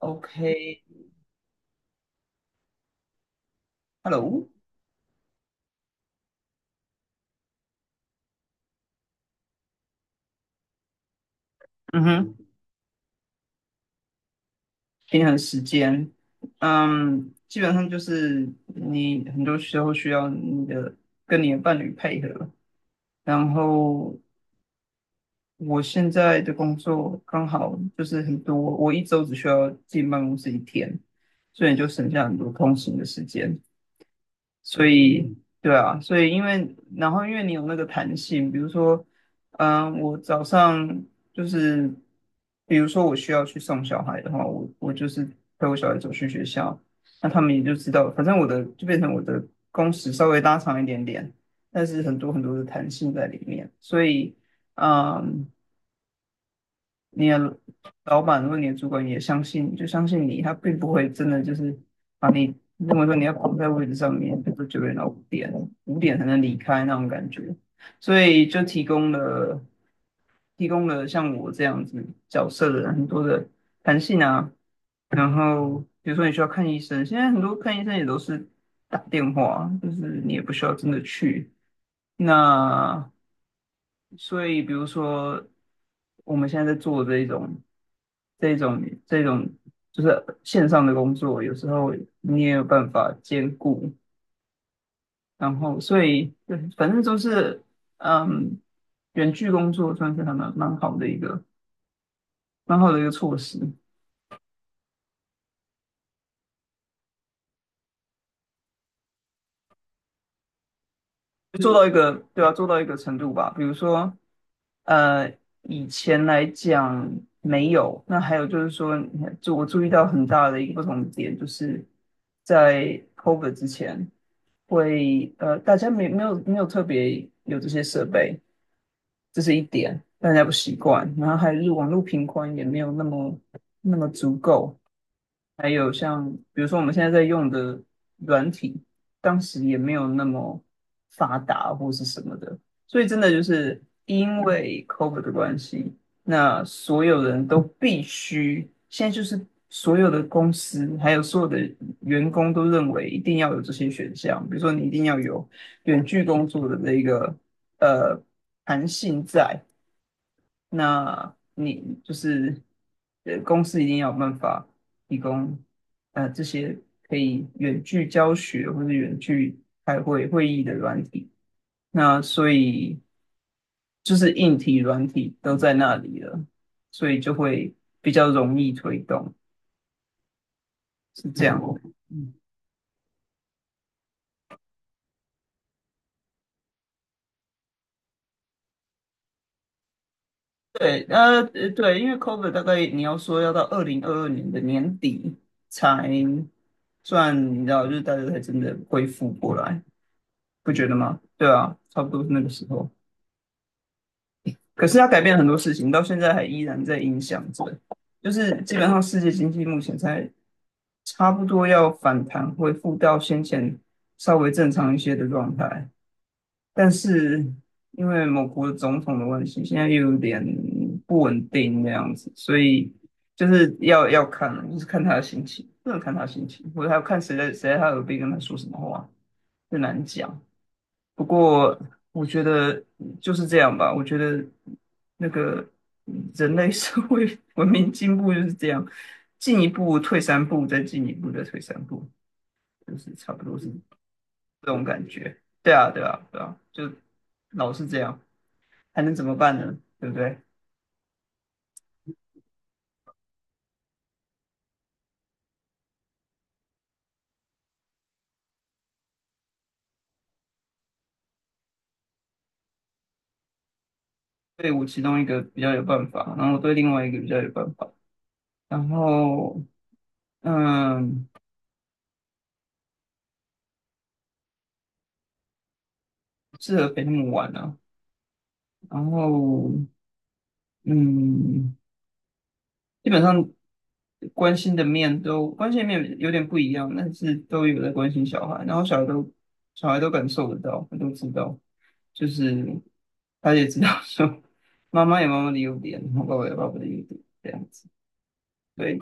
OK，Hello。嗯哼。平衡时间。基本上就是你很多时候需要跟你的伴侣配合。然后我现在的工作刚好就是很多，我一周只需要进办公室一天，所以你就省下很多通勤的时间。所以，对啊，所以因为你有那个弹性，比如说，我早上就是，比如说我需要去送小孩的话，我就是陪我小孩走去学校。那他们也就知道，反正我的就变成我的工时稍微拉长一点点，但是很多很多的弹性在里面。所以，嗯、你的老板或你的主管也相信，就相信你，他并不会真的就是把你认为说你要绑在位置上面，比如说9点到五点，五点才能离开那种感觉。所以就提供了像我这样子角色的人很多的弹性啊。然后比如说你需要看医生，现在很多看医生也都是打电话，就是你也不需要真的去。那所以，比如说我们现在在做这一种、这种、这种，就是线上的工作，有时候你也有办法兼顾。然后，所以对，反正都是嗯，远距工作算是还蛮好的一个措施。做到一个对啊，做到一个程度吧。比如说，呃，以前来讲没有。那还有就是说，你看就我注意到很大的一个不同的点，就是在 COVID 之前，大家没有特别有这些设备，这是一点，大家不习惯。然后还是网络频宽也没有那么足够，还有像比如说我们现在在用的软体，当时也没有那么发达或是什么的，所以真的就是因为 COVID 的关系，那所有人都必须现在就是所有的公司还有所有的员工都认为一定要有这些选项，比如说你一定要有远距工作的这一个呃弹性在。那你就是公司一定要有办法提供这些可以远距教学或者远距会议的软体。那所以就是硬体、软体都在那里了，所以就会比较容易推动，是这样的。嗯，对，对，因为 COVID 大概你要说要到2022年的年底才算，你知道，就是大家才真的恢复过来。不觉得吗？对啊，差不多是那个时候。可是他改变了很多事情，到现在还依然在影响着。就是基本上世界经济目前才差不多要反弹，恢复到先前稍微正常一些的状态。但是因为某国总统的问题，现在又有点不稳定那样子，所以就是要看，就是看他的心情，不能看他的心情，或者还要看谁在他耳边跟他说什么话，很难讲。不过我觉得就是这样吧。我觉得那个人类社会 文明进步就是这样，进一步退三步，再进一步再退三步，就是差不多是这种感觉。对啊，对啊，对啊，就老是这样，还能怎么办呢？对不对？对，我其中一个比较有办法，然后我对另外一个比较有办法，然后嗯，适合陪他们玩啊，然后嗯，基本上。关心的面有点不一样，但是都有在关心小孩，然后小孩都感受得到，他都知道，就是他也知道说妈妈有妈妈的优点，然后爸爸有爸爸的优点，这样子。对，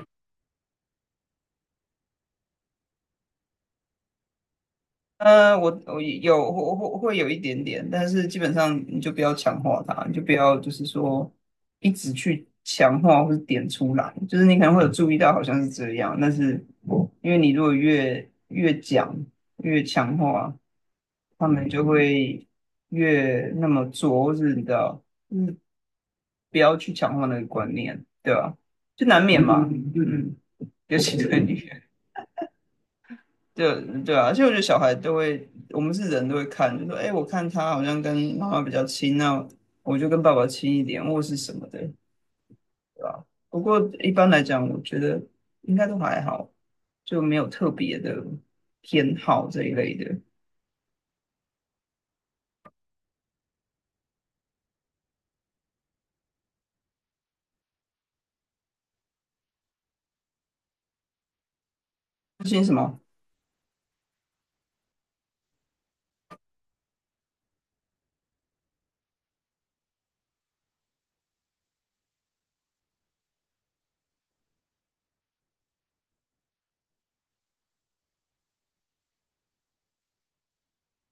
我有会有一点点，但是基本上你就不要强化它，你就不要就是说一直去强化或是点出来，就是你可能会有注意到好像是这样，但是因为你如果越讲越强化。他们就会越那么做，或是你知道，不要去强化那个观念，对吧？就难免嘛。嗯嗯。尤其对女人，对对啊，而且我觉得小孩都会，我们是人都会看，就说，哎，我看他好像跟妈妈比较亲，那我就跟爸爸亲一点，或是什么的，对吧？不过一般来讲，我觉得应该都还好，就没有特别的偏好这一类的。不信什么？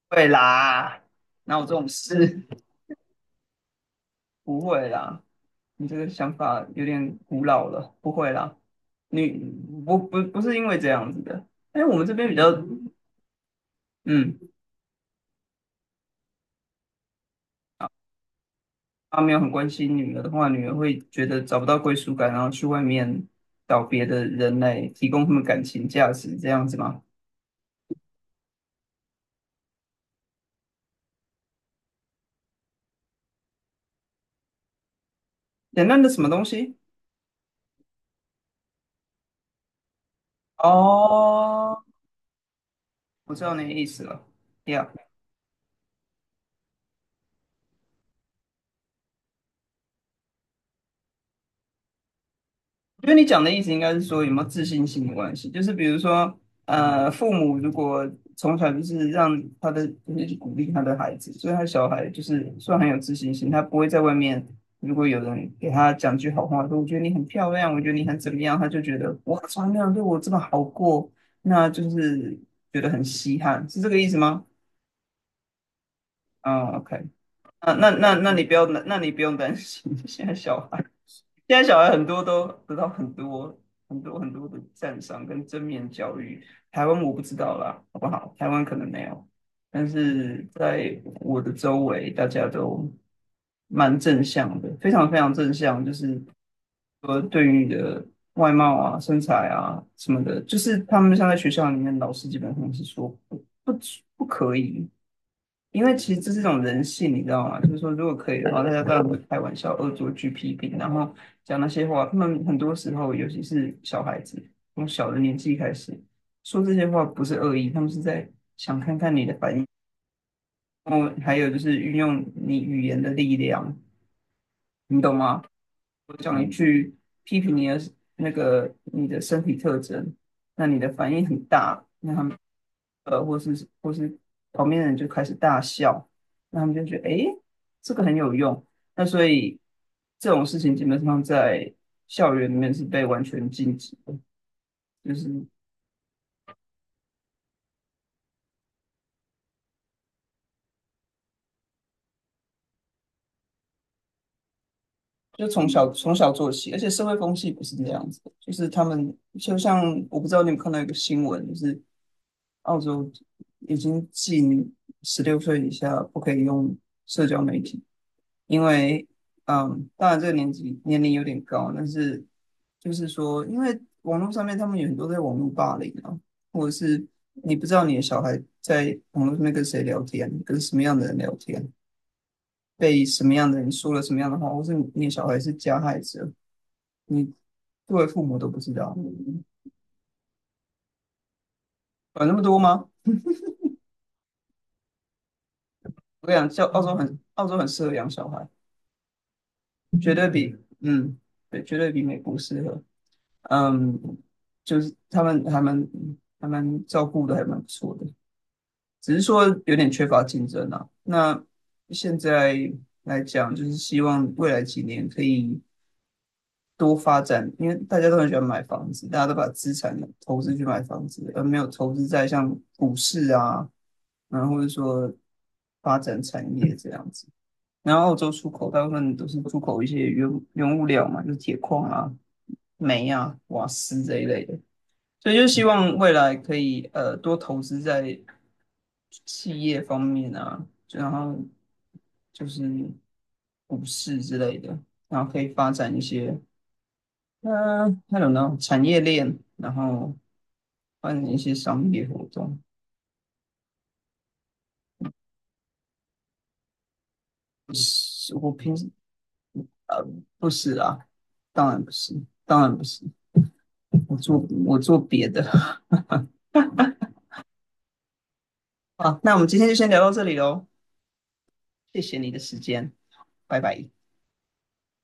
会啦。哪有这种事？不会啦。你这个想法有点古老了，不会啦，你不是因为这样子的，因为我们这边比较。嗯，他没有很关心女儿的话，女儿会觉得找不到归属感，然后去外面找别的人来提供他们感情价值，这样子吗？简单的什么东西？哦，我知道你的意思了。Yeah， 我觉得你讲的意思应该是说有没有自信心的关系，就是比如说，父母如果从小就是鼓励他的孩子，所以他小孩就是算很有自信心，他不会在外面如果有人给他讲句好话，说我觉得你很漂亮，我觉得你很怎么样，他就觉得哇，从来没有人对我这么好过，那就是觉得很稀罕，是这个意思吗？嗯，OK。那你不用担心。现在小孩。现在小孩很多都得到很多很多很多的赞赏跟正面教育。台湾我不知道啦，好不好？台湾可能没有，但是在我的周围，大家都蛮正向的，非常非常正向，就是说对于你的外貌啊、身材啊什么的，就是他们像在学校里面，老师基本上是说不可以，因为其实这是一种人性，你知道吗？就是说，如果可以的话，大家当然会开玩笑、恶作剧、批评，然后讲那些话。他们很多时候，尤其是小孩子，从小的年纪开始说这些话，不是恶意，他们是在想看看你的反应。然后还有就是运用你语言的力量，你懂吗？讲一句批评你的身体特征，那你的反应很大，那他们或是旁边的人就开始大笑，那他们就觉得诶，这个很有用。那所以这种事情基本上在校园里面是被完全禁止的，就是就从小从小做起，而且社会风气不是这样子的，就是他们就像我不知道你有没有看到一个新闻，就是澳洲已经禁16岁以下不可以用社交媒体，因为当然这个年龄有点高，但是就是说，因为网络上面他们有很多在网络霸凌啊，或者是你不知道你的小孩在网络上面跟谁聊天，跟什么样的人聊天，被什么样的人说了什么样的话，或是你的小孩是加害者，你作为父母都不知道，管那么多吗？我跟你讲，教澳洲很澳洲很适合养小孩。绝对比，嗯，对，绝对比美国适合。嗯，就是他们还蛮照顾的，还蛮不错的，只是说有点缺乏竞争啊。那现在来讲，就是希望未来几年可以多发展，因为大家都很喜欢买房子，大家都把资产投资去买房子，而没有投资在像股市啊，然后或者说发展产业这样子。然后澳洲出口大部分都是出口一些原物料嘛，就是铁矿啊、煤啊、瓦斯这一类的，所以就希望未来可以多投资在企业方面啊，然后就是股市之类的，然后可以发展一些那种呢产业链，然后发展一些商业活动。不是，我平时呃不是啊，当然不是，当然不是，我做我做别的。好，那我们今天就先聊到这里喽，谢谢你的时间，拜拜。